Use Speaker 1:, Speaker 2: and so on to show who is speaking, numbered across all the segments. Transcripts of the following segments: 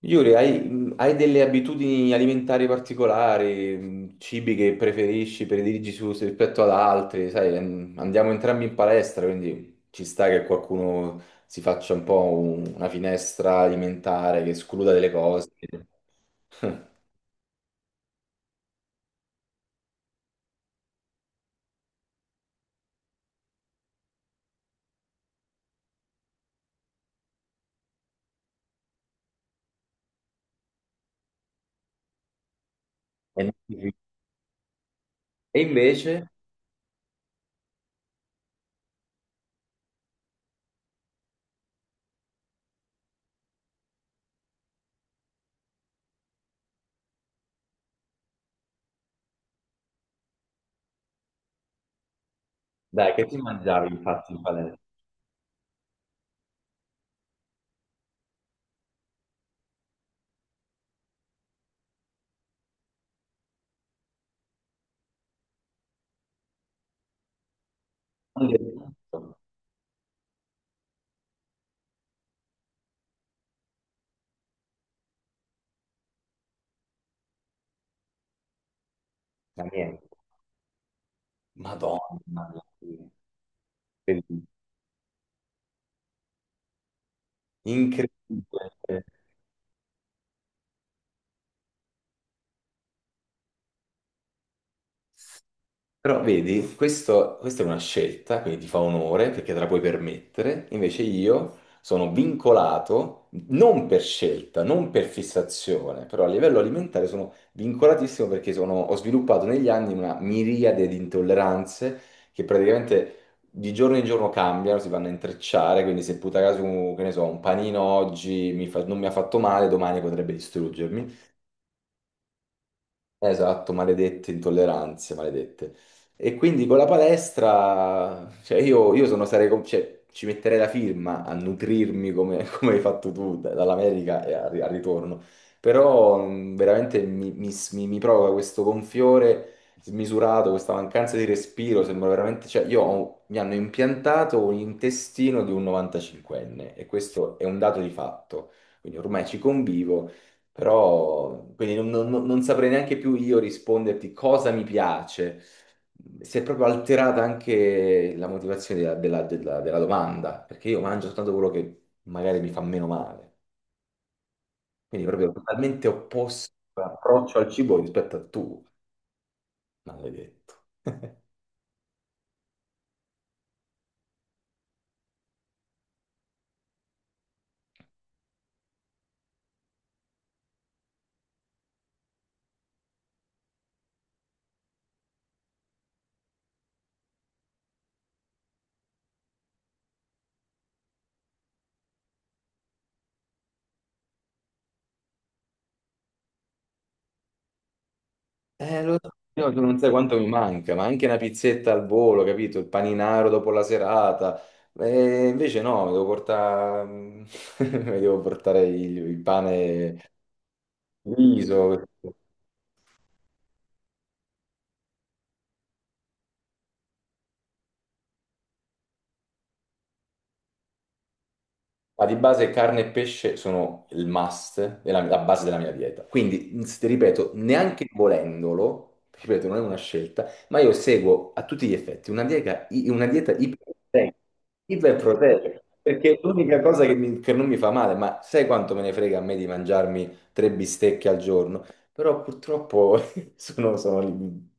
Speaker 1: Yuri, hai delle abitudini alimentari particolari, cibi che preferisci, prediligi su, rispetto ad altri, sai, andiamo entrambi in palestra, quindi ci sta che qualcuno si faccia un po' una finestra alimentare, che escluda delle cose. E e invece, dai, che ti mangiavi infatti in palestra? Non ti ricordo, ma niente. Madonna mia, incredibile. Però vedi, questa è una scelta, quindi ti fa onore perché te la puoi permettere, invece io sono vincolato, non per scelta, non per fissazione, però a livello alimentare sono vincolatissimo perché ho sviluppato negli anni una miriade di intolleranze che praticamente di giorno in giorno cambiano, si vanno a intrecciare, quindi se puta caso, che ne so, un panino oggi non mi ha fatto male, domani potrebbe distruggermi. Esatto, maledette intolleranze, maledette. E quindi con la palestra, cioè io sono, sarei, cioè, ci metterei la firma a nutrirmi come, come hai fatto tu dall'America e al, al ritorno, però veramente mi provoca questo gonfiore smisurato, questa mancanza di respiro, sembra veramente, cioè mi hanno impiantato un intestino di un 95enne e questo è un dato di fatto, quindi ormai ci convivo. Però, quindi non saprei neanche più io risponderti cosa mi piace. Si è proprio alterata anche la motivazione della domanda, perché io mangio soltanto quello che magari mi fa meno male. Quindi proprio totalmente opposto l'approccio al cibo rispetto a tu, maledetto. Lo so, io tu non sai quanto mi manca, ma anche una pizzetta al volo, capito? Il paninaro dopo la serata. Invece no, mi devo portare, mi devo portare il pane riso, ma di base carne e pesce sono il must, della, la base della mia dieta. Quindi, ti ripeto, neanche volendolo, ti ripeto, non è una scelta, ma io seguo a tutti gli effetti una dieta, una dieta iperproteica, iperproteica, perché è l'unica cosa che, che non mi fa male, ma sai quanto me ne frega a me di mangiarmi tre bistecche al giorno? Però purtroppo sono, sono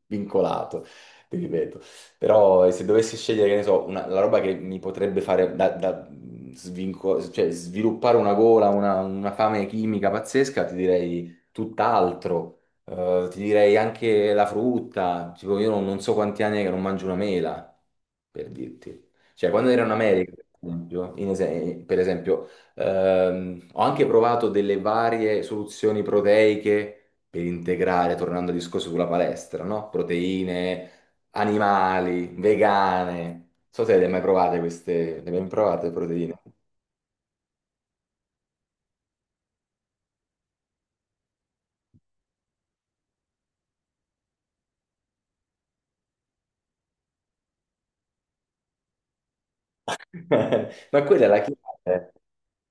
Speaker 1: vincolato, ti ripeto. Però se dovessi scegliere, che ne so, la roba che mi potrebbe fare da, da cioè, sviluppare una gola, una fame chimica pazzesca, ti direi tutt'altro. Ti direi anche la frutta. Tipo, io non so quanti anni è che non mangio una mela, per dirti. Cioè, quando ero in America, per esempio, per esempio, ho anche provato delle varie soluzioni proteiche per integrare, tornando al discorso sulla palestra, no? Proteine animali, vegane. Non so se le hai mai provate queste, le hai mai provate proteine? Ma quella è la chiave.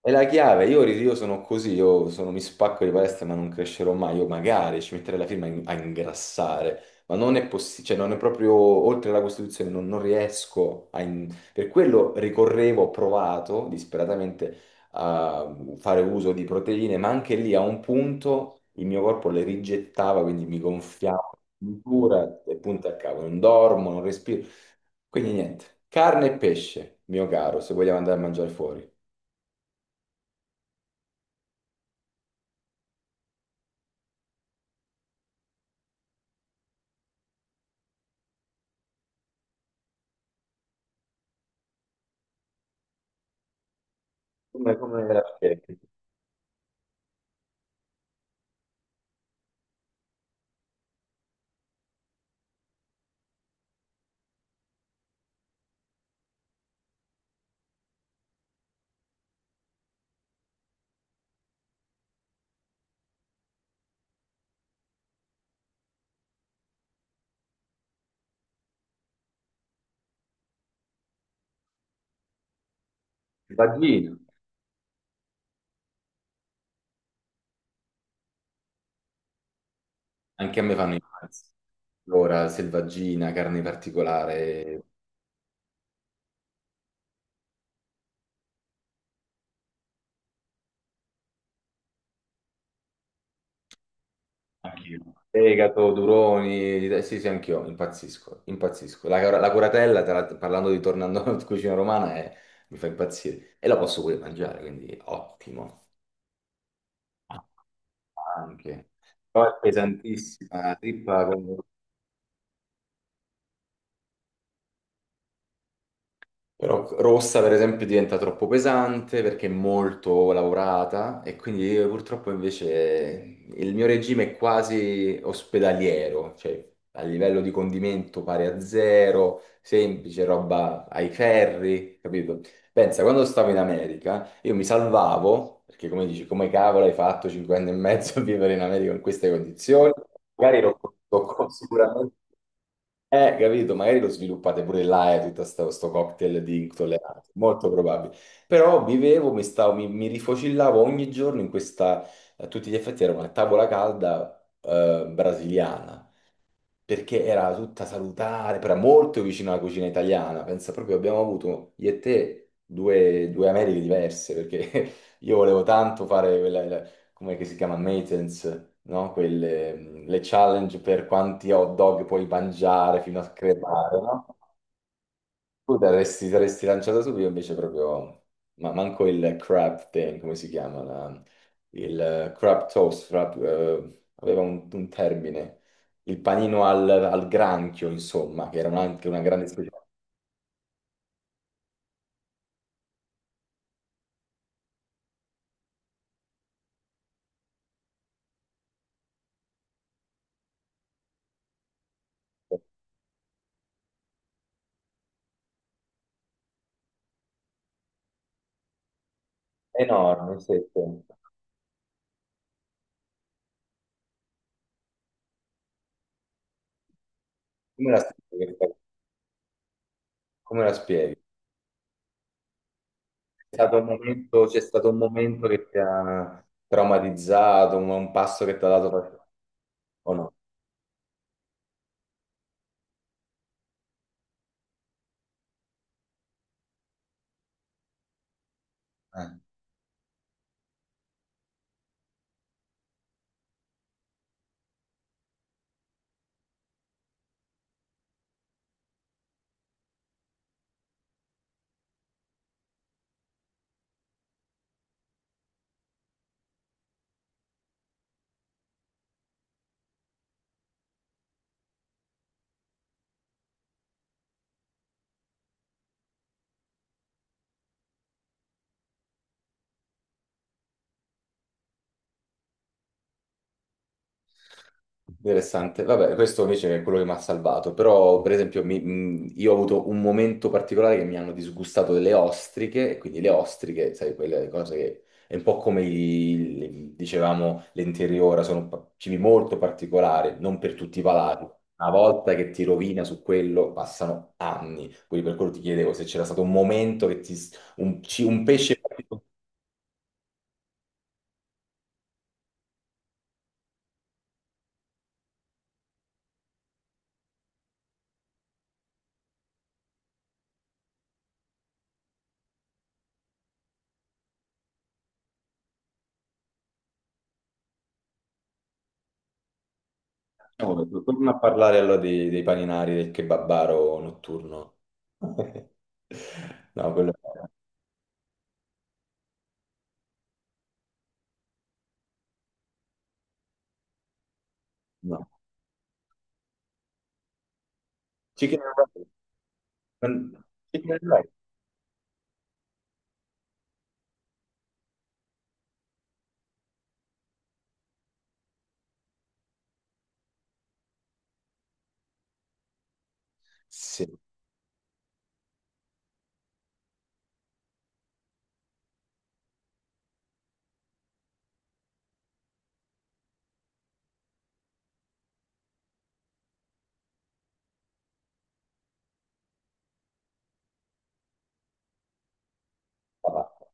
Speaker 1: È la chiave. Io sono così, mi spacco di palestra, ma non crescerò mai. Io magari ci metterei la firma a a ingrassare, ma non è possibile, cioè non è proprio oltre la Costituzione, non riesco a... in- Per quello ricorrevo, ho provato disperatamente a fare uso di proteine, ma anche lì a un punto il mio corpo le rigettava, quindi mi gonfiavo, cintura e punto a cavolo, non dormo, non respiro. Quindi niente, carne e pesce, mio caro, se vogliamo andare a mangiare fuori. Come, come te la spiego. Vagina. Anche a me fanno i pazzi. Allora, selvaggina, carne particolare, anch'io. Fegato, duroni, sì, sì, anch'io, impazzisco, impazzisco. La curatella, tra l'altro, parlando di tornando alla cucina romana, è- mi fa impazzire. E la posso pure mangiare, quindi ottimo. Anche. Poi è pesantissima, la trippa con. Però rossa, per esempio, diventa troppo pesante perché è molto lavorata e quindi io purtroppo invece il mio regime è quasi ospedaliero, cioè a livello di condimento pari a zero, semplice, roba ai ferri, capito? Pensa, quando stavo in America io mi salvavo, perché come dici, come cavolo hai fatto cinque anni e mezzo a vivere in America in queste condizioni? Magari l'ho sicuramente capito, magari lo sviluppate pure là, tutto sto cocktail di intolleranza, molto probabile. Però vivevo, mi, stavo, mi rifocillavo ogni giorno in questa, a tutti gli effetti era una tavola calda brasiliana perché era tutta salutare, però era molto vicino alla cucina italiana. Pensa proprio, abbiamo avuto io e te due Americhe diverse, perché io volevo tanto fare quella, come che si chiama, maintenance, no? Quelle, le challenge per quanti hot dog puoi mangiare fino a crepare, no? Tu t'avresti saresti lanciato subito invece proprio, ma manco il crab thing, come si chiama? La- il crab toast, crab, aveva un termine, il panino al granchio, insomma, che era un- anche una grande specialità. Enorme, sì, sì. Come la spieghi? Come la spieghi? C'è stato un momento che ti ha traumatizzato, un passo che ti ha dato... per- o no? Eh. Interessante. Vabbè, questo invece è quello che mi ha salvato, però per esempio io ho avuto un momento particolare che mi hanno disgustato delle ostriche, e quindi le ostriche, sai, quelle cose che è un po' come dicevamo l'interiora, sono pa- cibi molto particolari, non per tutti i palati. Una volta che ti rovina su quello, passano anni. Quindi per quello ti chiedevo se c'era stato un momento che ti, s- un, un pesce. Oh, torna a parlare allora dei paninari del kebabaro notturno. No, quello no. Chicken and rice. Chicken and rice. Sì. Vabbè.